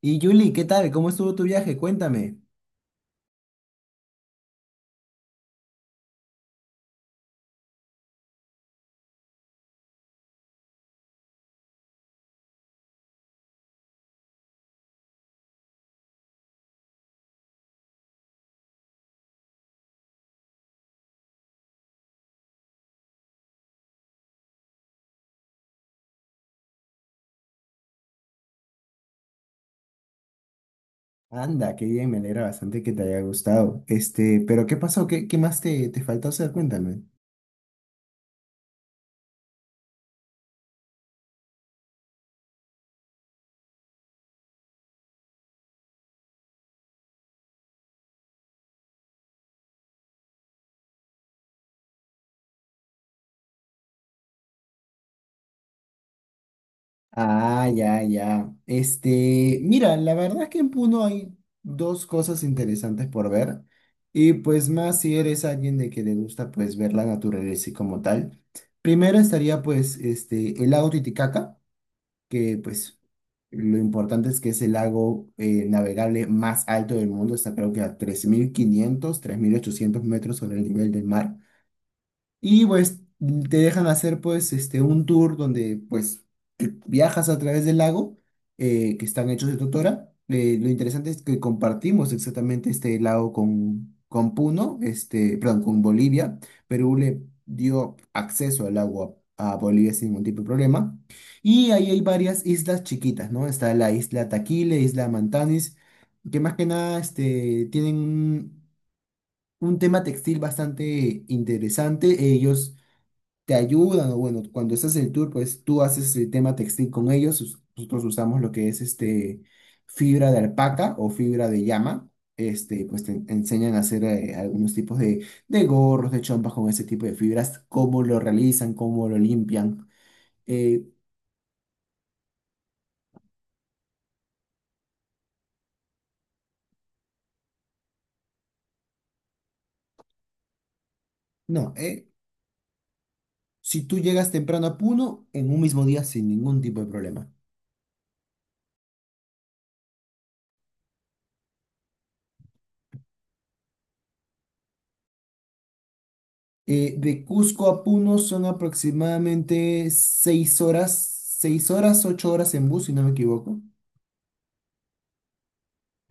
Y Julie, ¿qué tal? ¿Cómo estuvo tu viaje? Cuéntame. Anda, qué bien, me alegra bastante que te haya gustado. Pero ¿qué pasó? ¿Qué más te faltó hacer? Cuéntame. Ah, ya, ya. Mira, la verdad es que en Puno hay dos cosas interesantes por ver. Y pues más si eres alguien de que le gusta pues ver la naturaleza y como tal. Primero estaría pues el lago Titicaca, que pues lo importante es que es el lago navegable más alto del mundo, está creo que a 3500 3800 metros sobre el nivel del mar. Y pues te dejan hacer pues un tour donde pues viajas a través del lago que están hechos de totora. Lo interesante es que compartimos exactamente este lago con Puno, perdón, con Bolivia. Perú le dio acceso al agua a Bolivia sin ningún tipo de problema. Y ahí hay varias islas chiquitas, ¿no? Está la isla Taquile, isla Mantanis, que más que nada tienen un tema textil bastante interesante. Ellos te ayudan, o bueno, cuando estás en el tour, pues tú haces el tema textil con ellos, nosotros usamos lo que es fibra de alpaca o fibra de llama, pues te enseñan a hacer algunos tipos de gorros, de chompas con ese tipo de fibras, cómo lo realizan, cómo lo limpian. Eh, no, si tú llegas temprano a Puno, en un mismo día sin ningún tipo de problema. De Cusco a Puno son aproximadamente 6 horas, 6 horas, 8 horas en bus, si no me equivoco.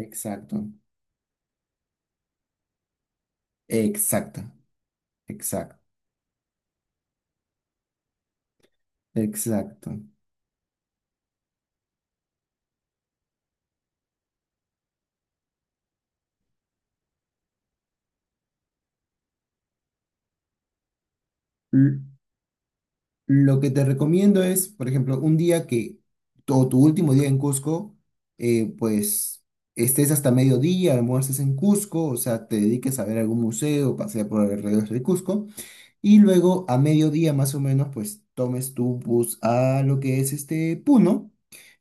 Exacto, exacto, exacto, exacto. L- lo que te recomiendo es, por ejemplo, un día, o tu último día en Cusco, pues estés hasta mediodía, almuerces en Cusco, o sea, te dediques a ver algún museo, pasear por alrededor de Cusco, y luego a mediodía más o menos, pues tomes tu bus a lo que es Puno.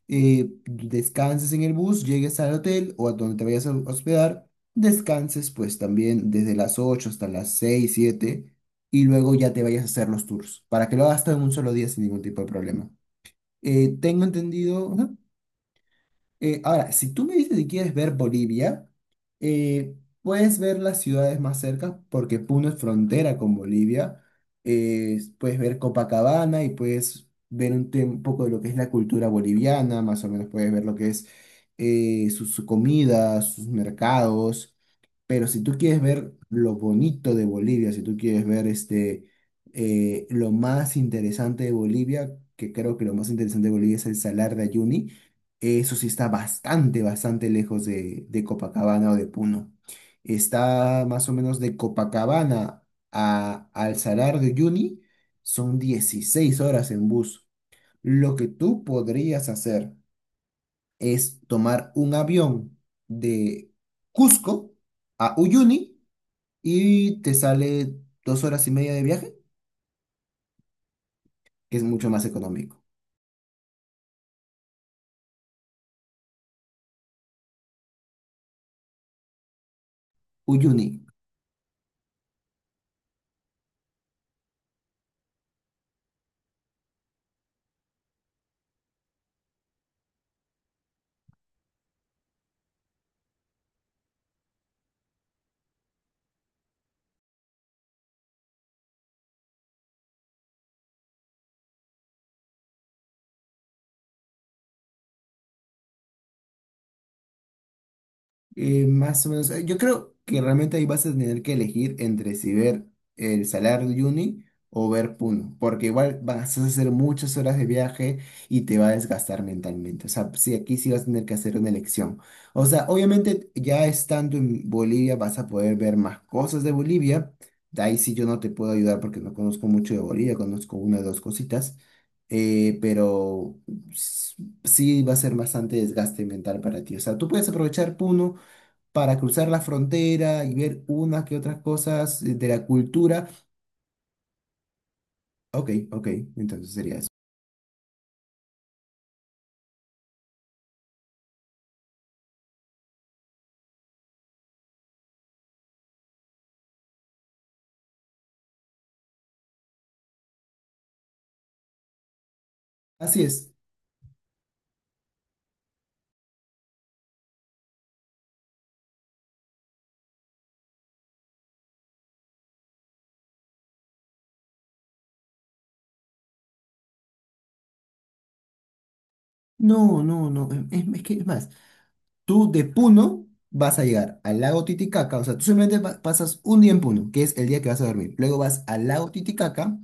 Descanses en el bus, llegues al hotel o a donde te vayas a hospedar, descanses pues también desde las 8 hasta las 6 7 y luego ya te vayas a hacer los tours para que lo hagas todo en un solo día sin ningún tipo de problema. Tengo entendido, ajá. Ahora, si tú me dices que quieres ver Bolivia, eh, puedes ver las ciudades más cerca porque Puno es frontera con Bolivia. Puedes ver Copacabana y puedes ver un poco de lo que es la cultura boliviana, más o menos puedes ver lo que es su comida, sus mercados. Pero si tú quieres ver lo bonito de Bolivia, si tú quieres ver lo más interesante de Bolivia, que creo que lo más interesante de Bolivia es el Salar de Uyuni, eso sí está bastante, bastante lejos de Copacabana o de Puno. Está más o menos de Copacabana al Salar de Uyuni, son 16 horas en bus. Lo que tú podrías hacer es tomar un avión de Cusco a Uyuni y te sale 2 horas y media de viaje, que es mucho más económico. Uyuni. Más o menos, yo creo que realmente ahí vas a tener que elegir entre si ver el Salar de Uyuni o ver Puno, porque igual vas a hacer muchas horas de viaje y te va a desgastar mentalmente. O sea, sí, aquí sí vas a tener que hacer una elección. O sea, obviamente ya estando en Bolivia vas a poder ver más cosas de Bolivia. De ahí sí yo no te puedo ayudar porque no conozco mucho de Bolivia, conozco una o dos cositas, pero s- sí va a ser bastante desgaste mental para ti. O sea, tú puedes aprovechar Puno para cruzar la frontera y ver unas que otras cosas de la cultura. Ok, ok, entonces sería eso. Así es. No, no, no. Es que es más, tú de Puno vas a llegar al lago Titicaca, o sea, tú simplemente pasas un día en Puno, que es el día que vas a dormir. Luego vas al lago Titicaca,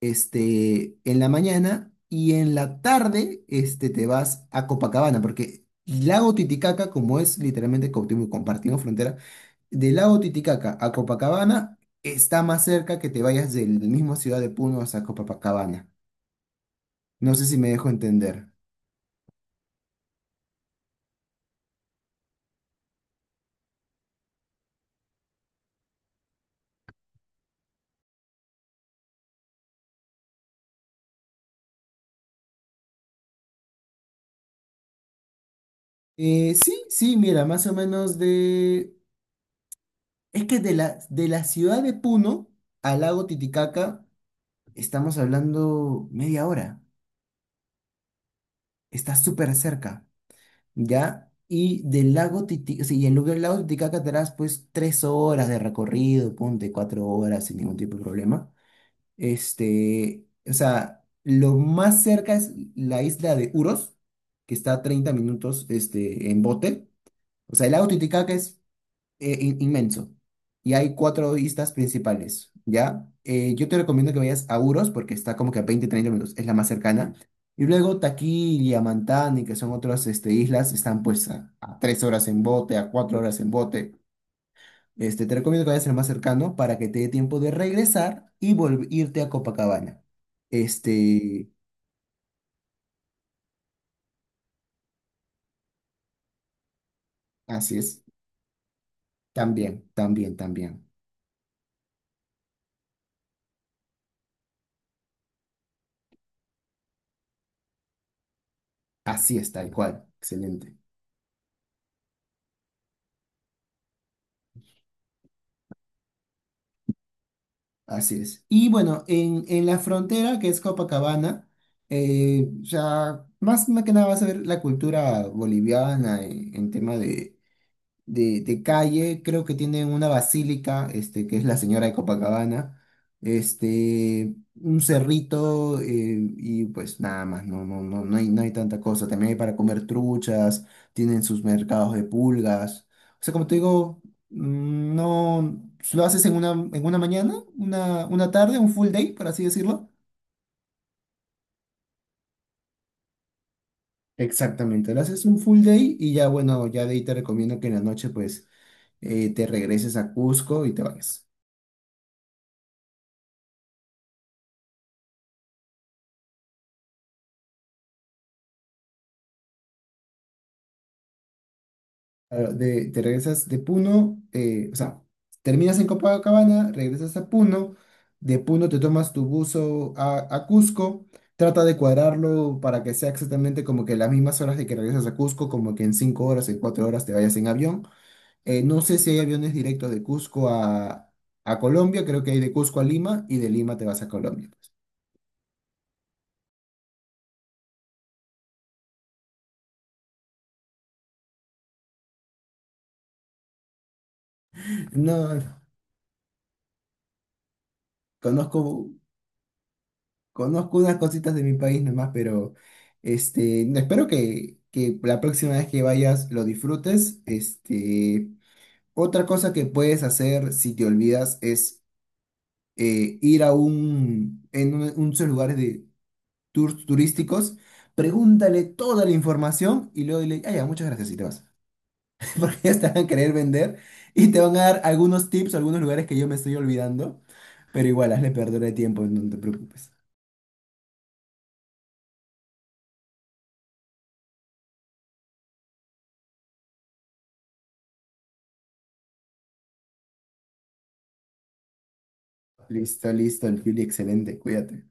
en la mañana y en la tarde, te vas a Copacabana, porque el lago Titicaca, como es literalmente como compartimos frontera. Del lago Titicaca a Copacabana está más cerca que te vayas del mismo ciudad de Puno hasta Copacabana. No sé si me dejo entender. Sí, sí, mira, más o menos de. Es que de la ciudad de Puno al lago Titicaca estamos hablando media hora. Está súper cerca, ¿ya? Y del lago Titicaca, sí, y en lugar del lago Titicaca te harás pues 3 horas de recorrido, ponte 4 horas sin ningún tipo de problema. O sea, lo más cerca es la isla de Uros, que está a 30 minutos, en bote. O sea, el lago Titicaca es inmenso. Y hay cuatro islas principales, ¿ya? Yo te recomiendo que vayas a Uros porque está como que a 20 30 minutos, es la más cercana. Y luego Taquil y Amantán, y que son otras islas, están pues a 3 horas en bote, a 4 horas en bote. Te recomiendo que vayas al más cercano para que te dé tiempo de regresar y irte a Copacabana. Este, así es. También, también, también. Así es, tal cual. Excelente. Así es. Y bueno, en la frontera, que es Copacabana, ya más que nada vas a ver la cultura boliviana en tema de calle, creo que tienen una basílica, que es la Señora de Copacabana, un cerrito, y pues nada más, no, no, no, no hay tanta cosa. También hay para comer truchas, tienen sus mercados de pulgas. O sea, como te digo, no, lo haces en una mañana, una tarde, un full day, por así decirlo. Exactamente, lo haces un full day y ya bueno, ya de ahí te recomiendo que en la noche pues te regreses a Cusco y te vayas. Claro, te regresas de Puno, o sea, terminas en Copacabana, regresas a Puno, de Puno te tomas tu buzo a Cusco, trata de cuadrarlo para que sea exactamente como que las mismas horas de que regresas a Cusco, como que en 5 horas, en 4 horas te vayas en avión. No sé si hay aviones directos de Cusco a Colombia, creo que hay de Cusco a Lima y de Lima te vas a Colombia. No, conozco. Conozco unas cositas de mi país nomás, pero no, espero que la próxima vez que vayas lo disfrutes. Otra cosa que puedes hacer si te olvidas es ir a un de esos lugares de tours turísticos, pregúntale toda la información y luego dile, ah, ya, muchas gracias y te vas. Porque ya te van a querer vender y te van a dar algunos tips, algunos lugares que yo me estoy olvidando, pero igual, hazle perder el tiempo, no te preocupes. Listo, listo, el Juli, excelente, cuídate.